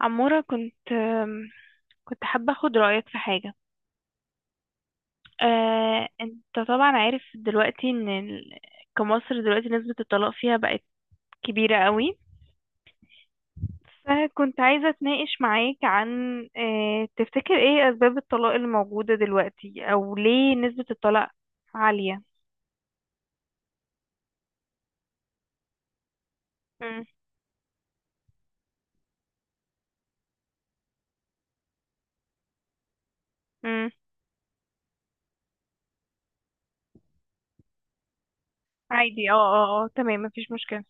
عمورة، كنت حابة أخد رأيك في حاجة. أنت طبعا عارف دلوقتي كمصر دلوقتي نسبة الطلاق فيها بقت كبيرة قوي. فكنت عايزة أتناقش معاك عن تفتكر إيه أسباب الطلاق اللي موجودة دلوقتي، أو ليه نسبة الطلاق عالية؟ مم. مم. عادي، اه اه اه، تمام، مفيش مشكلة.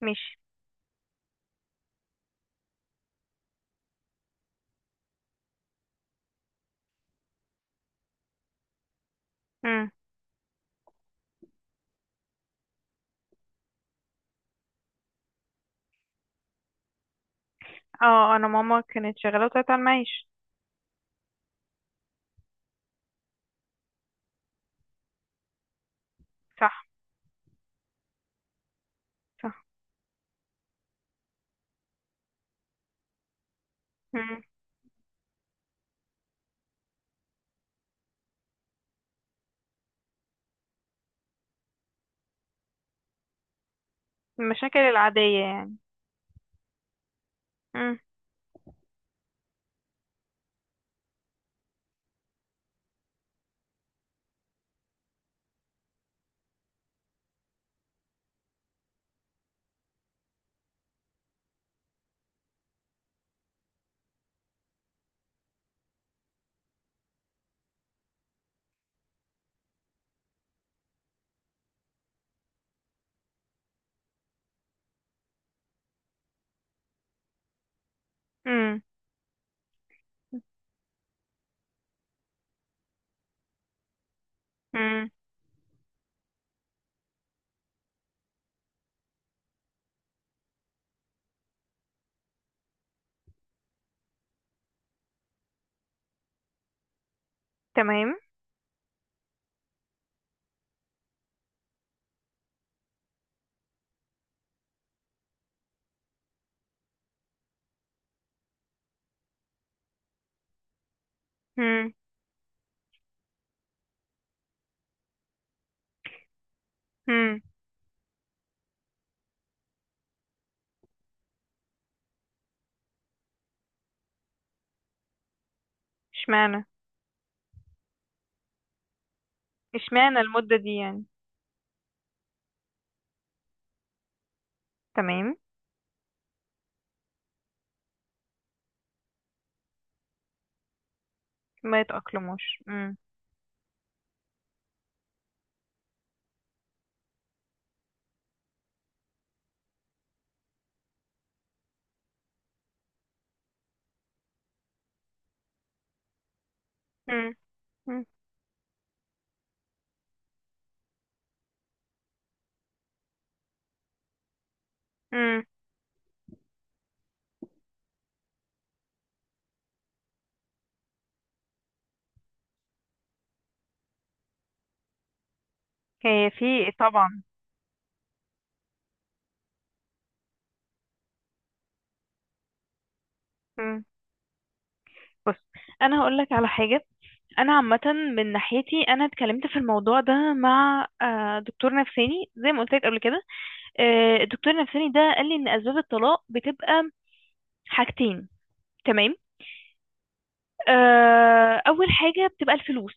ماشي. مم. اه، أنا ماما كانت شغالة وطلعت على المعاش. صح. صح. مم. المشاكل العادية يعني. مم. مم. تمام. مم. مم. اشمعنى؟ اشمعنى المدة دي يعني؟ تمام. ما يتأقلموش. مم. مم. مم. مم. هي في طبعا. مم. بص، انا هقول لك على حاجة. انا عامة، من ناحيتي انا اتكلمت في الموضوع ده مع دكتور نفساني زي ما قلت لك قبل كده. الدكتور النفساني ده قال لي ان اسباب الطلاق بتبقى حاجتين. تمام. اول حاجة بتبقى الفلوس.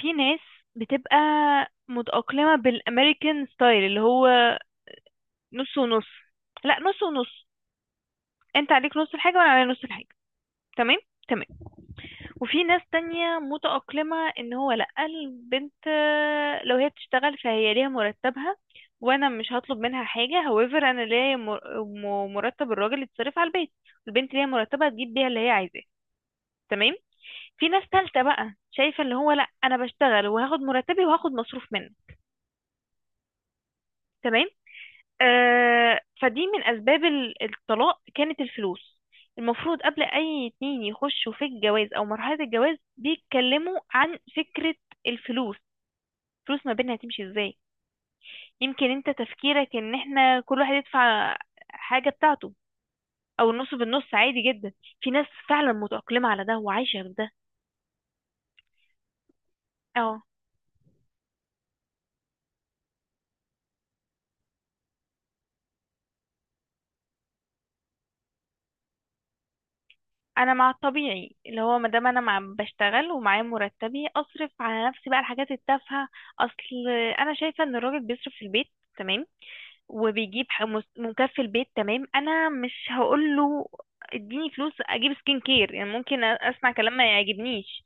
في ناس بتبقى متأقلمة بالأمريكان ستايل، اللي هو نص ونص. لا، نص ونص، انت عليك نص الحاجة وانا عليا نص الحاجة. تمام. تمام. وفي ناس تانية متأقلمة ان هو لا، البنت لو هي بتشتغل فهي ليها مرتبها، وانا مش هطلب منها حاجة. However انا ليا مرتب، الراجل يتصرف على البيت، البنت ليها مرتبها تجيب بيها اللي هي عايزاه. تمام. في ناس تالتة بقى شايفة اللي هو لا، انا بشتغل وهاخد مرتبي وهاخد مصروف منه. تمام. فدي من اسباب الطلاق، كانت الفلوس. المفروض قبل اي اتنين يخشوا في الجواز او مرحلة الجواز بيتكلموا عن فكرة الفلوس. الفلوس ما بينها هتمشي ازاي؟ يمكن انت تفكيرك ان احنا كل واحد يدفع حاجة بتاعته، او النص بالنص، عادي جدا. في ناس فعلا متأقلمة على ده وعايشة بده. اه، انا مع الطبيعي اللي هو ما دام انا مع بشتغل ومعايا مرتبي، اصرف على نفسي بقى الحاجات التافهه. اصل انا شايفه ان الراجل بيصرف في البيت، تمام، وبيجيب مكفل بيت. تمام. انا مش هقول له اديني فلوس اجيب سكين كير. يعني ممكن اسمع كلام ما يعجبنيش.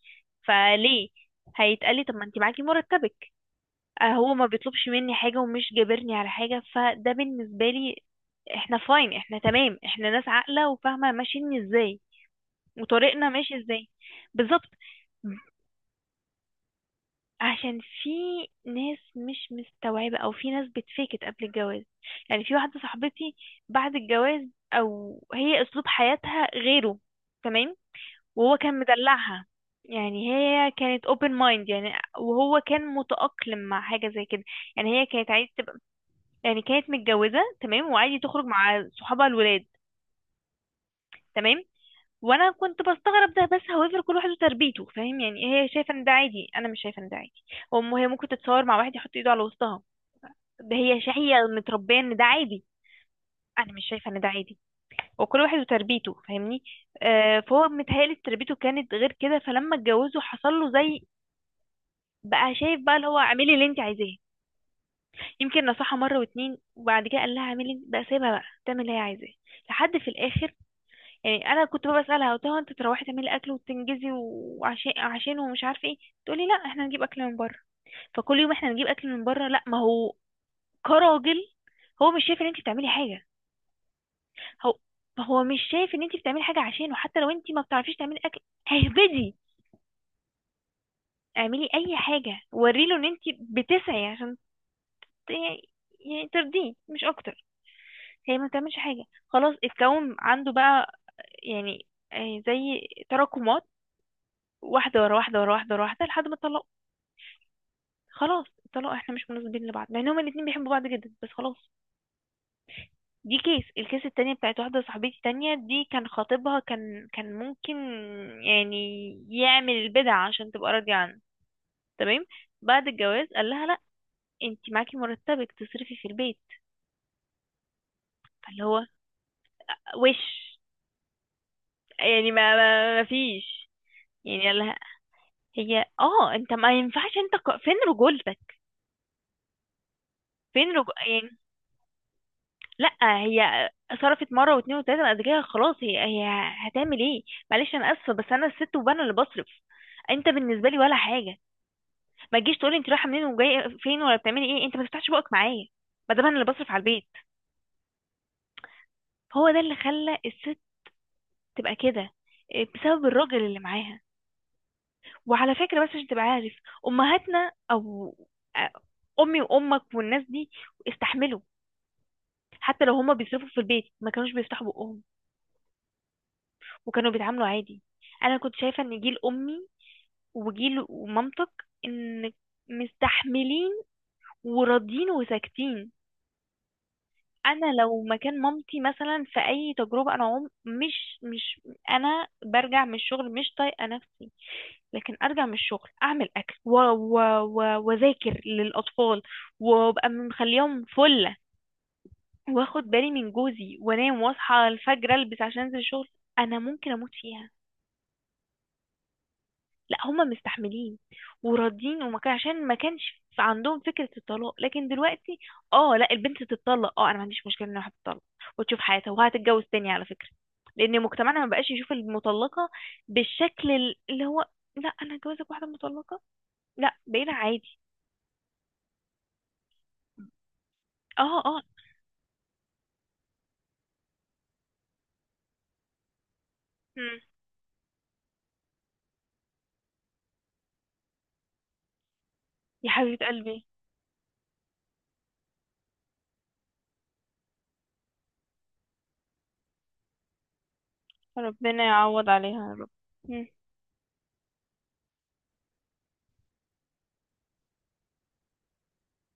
فليه هيتقالي طب ما انت معاكي مرتبك. هو ما بيطلبش مني حاجة ومش جابرني على حاجة، فده بالنسبة لي احنا فاين احنا. تمام، احنا ناس عاقلة وفاهمة ماشيين ازاي، وطريقنا ماشي ازاي. بالظبط. عشان في ناس مش مستوعبة، او في ناس بتفيكت قبل الجواز. يعني في واحدة صاحبتي، بعد الجواز او هي اسلوب حياتها غيره. تمام. وهو كان مدلعها. يعني هي كانت open mind، يعني وهو كان متأقلم مع حاجة زي كده. يعني هي كانت عايزة تبقى، يعني كانت متجوزة، تمام، وعادي تخرج مع صحابها الولاد. تمام. وانا كنت بستغرب ده، بس however كل واحد وتربيته، فاهم يعني. هي شايفة ان ده عادي، انا مش شايفة ان ده عادي. وام، هي ممكن تتصور مع واحد يحط ايده على وسطها. ده هي هي متربيه ان ده عادي. انا مش شايفه ان ده عادي. وكل واحد وتربيته، فاهمني. فهو متهيألي تربيته كانت غير كده، فلما اتجوزه حصل له زي. بقى شايف بقى اللي هو اعملي اللي انت عايزاه. يمكن نصحها مره واتنين وبعد كده قال لها اعملي بقى، سيبها بقى تعمل اللي هي عايزاه لحد في الاخر. يعني انا كنت بقى بسالها، قلت لها انت تروحي تعملي اكل وتنجزي وعشان ومش عارفه ايه. تقولي لا، احنا نجيب اكل من بره. فكل يوم احنا نجيب اكل من بره، لا ما هو كراجل هو مش شايف ان انت بتعملي حاجه. هو هو مش شايف ان انت بتعملي حاجه عشانه، حتى لو انت ما بتعرفيش تعملي اكل، اهبدي اعملي اي حاجه وريله ان انت بتسعي عشان ت- يعني ترضيه، مش اكتر. هي ما بتعملش حاجه، خلاص اتكون عنده بقى، يعني زي تراكمات، واحده ورا واحده ورا واحده ورا واحده لحد ما اتطلقوا. خلاص اتطلقوا، احنا مش مناسبين لبعض، مع ان هما الاتنين بيحبوا بعض جدا، بس خلاص. دي كيس، الكيس التانية بتاعت واحدة صاحبتي تانية، دي كان خطيبها كان ممكن يعني يعمل البدع عشان تبقى راضية عنه. تمام. بعد الجواز قال لها لا، انتي معاكي مرتبك تصرفي في البيت. فاللي هو وش، يعني ما فيش. يعني قال لها هي انت ما ينفعش، انت فين رجولتك؟ فين يعني لا، هي صرفت مره واتنين وتلاته، بعد كده خلاص هي هتعمل ايه؟ معلش، انا اسفه، بس انا الست وانا اللي بصرف. انت بالنسبه لي ولا حاجه، ما تجيش تقولي انت رايحه منين وجايه فين ولا بتعملي ايه، انت ما تفتحش بقك معايا ما دام انا اللي بصرف على البيت. هو ده اللي خلى الست تبقى كده. إيه، بسبب الراجل اللي معاها. وعلى فكره، بس عشان تبقى عارف، امهاتنا او آه، امي وامك والناس دي استحملوا. حتى لو هما بيصرفوا في البيت ما كانوش بيفتحوا بقهم، وكانوا بيتعاملوا عادي. انا كنت شايفه ان جيل امي وجيل ومامتك، ان مستحملين وراضيين وساكتين. انا لو مكان مامتي مثلا في اي تجربه، انا عم مش، انا برجع من الشغل مش طايقه نفسي، لكن ارجع من الشغل اعمل اكل واذاكر للاطفال، وابقى مخليهم فله، واخد بالي من جوزي، وانام واصحى الفجر البس عشان انزل الشغل. انا ممكن اموت فيها. لا هما مستحملين وراضيين، وما كان عشان ما كانش في عندهم فكرة الطلاق، لكن دلوقتي اه لا البنت تتطلق. اه، انا ما عنديش مشكلة ان الواحد تتطلق وتشوف حياتها، وهتتجوز تاني على فكرة، لان مجتمعنا ما بقاش يشوف المطلقة بالشكل اللي هو لا انا هتجوزك واحدة مطلقة. لا، بقينا عادي. اه اه. مم. يا حبيبة قلبي، ربنا يعوض عليها يا رب. مم.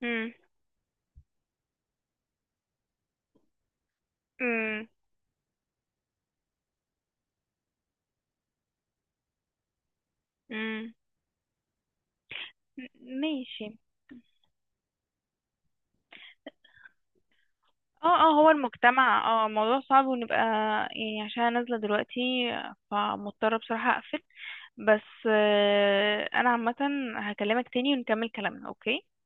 مم. مم. مم. ماشي. اه اه. هو المجتمع الموضوع صعب ونبقى. يعني عشان أنا نازلة دلوقتي، فمضطرة بصراحة اقفل. بس انا عامة هكلمك تاني ونكمل كلامنا. اوكي.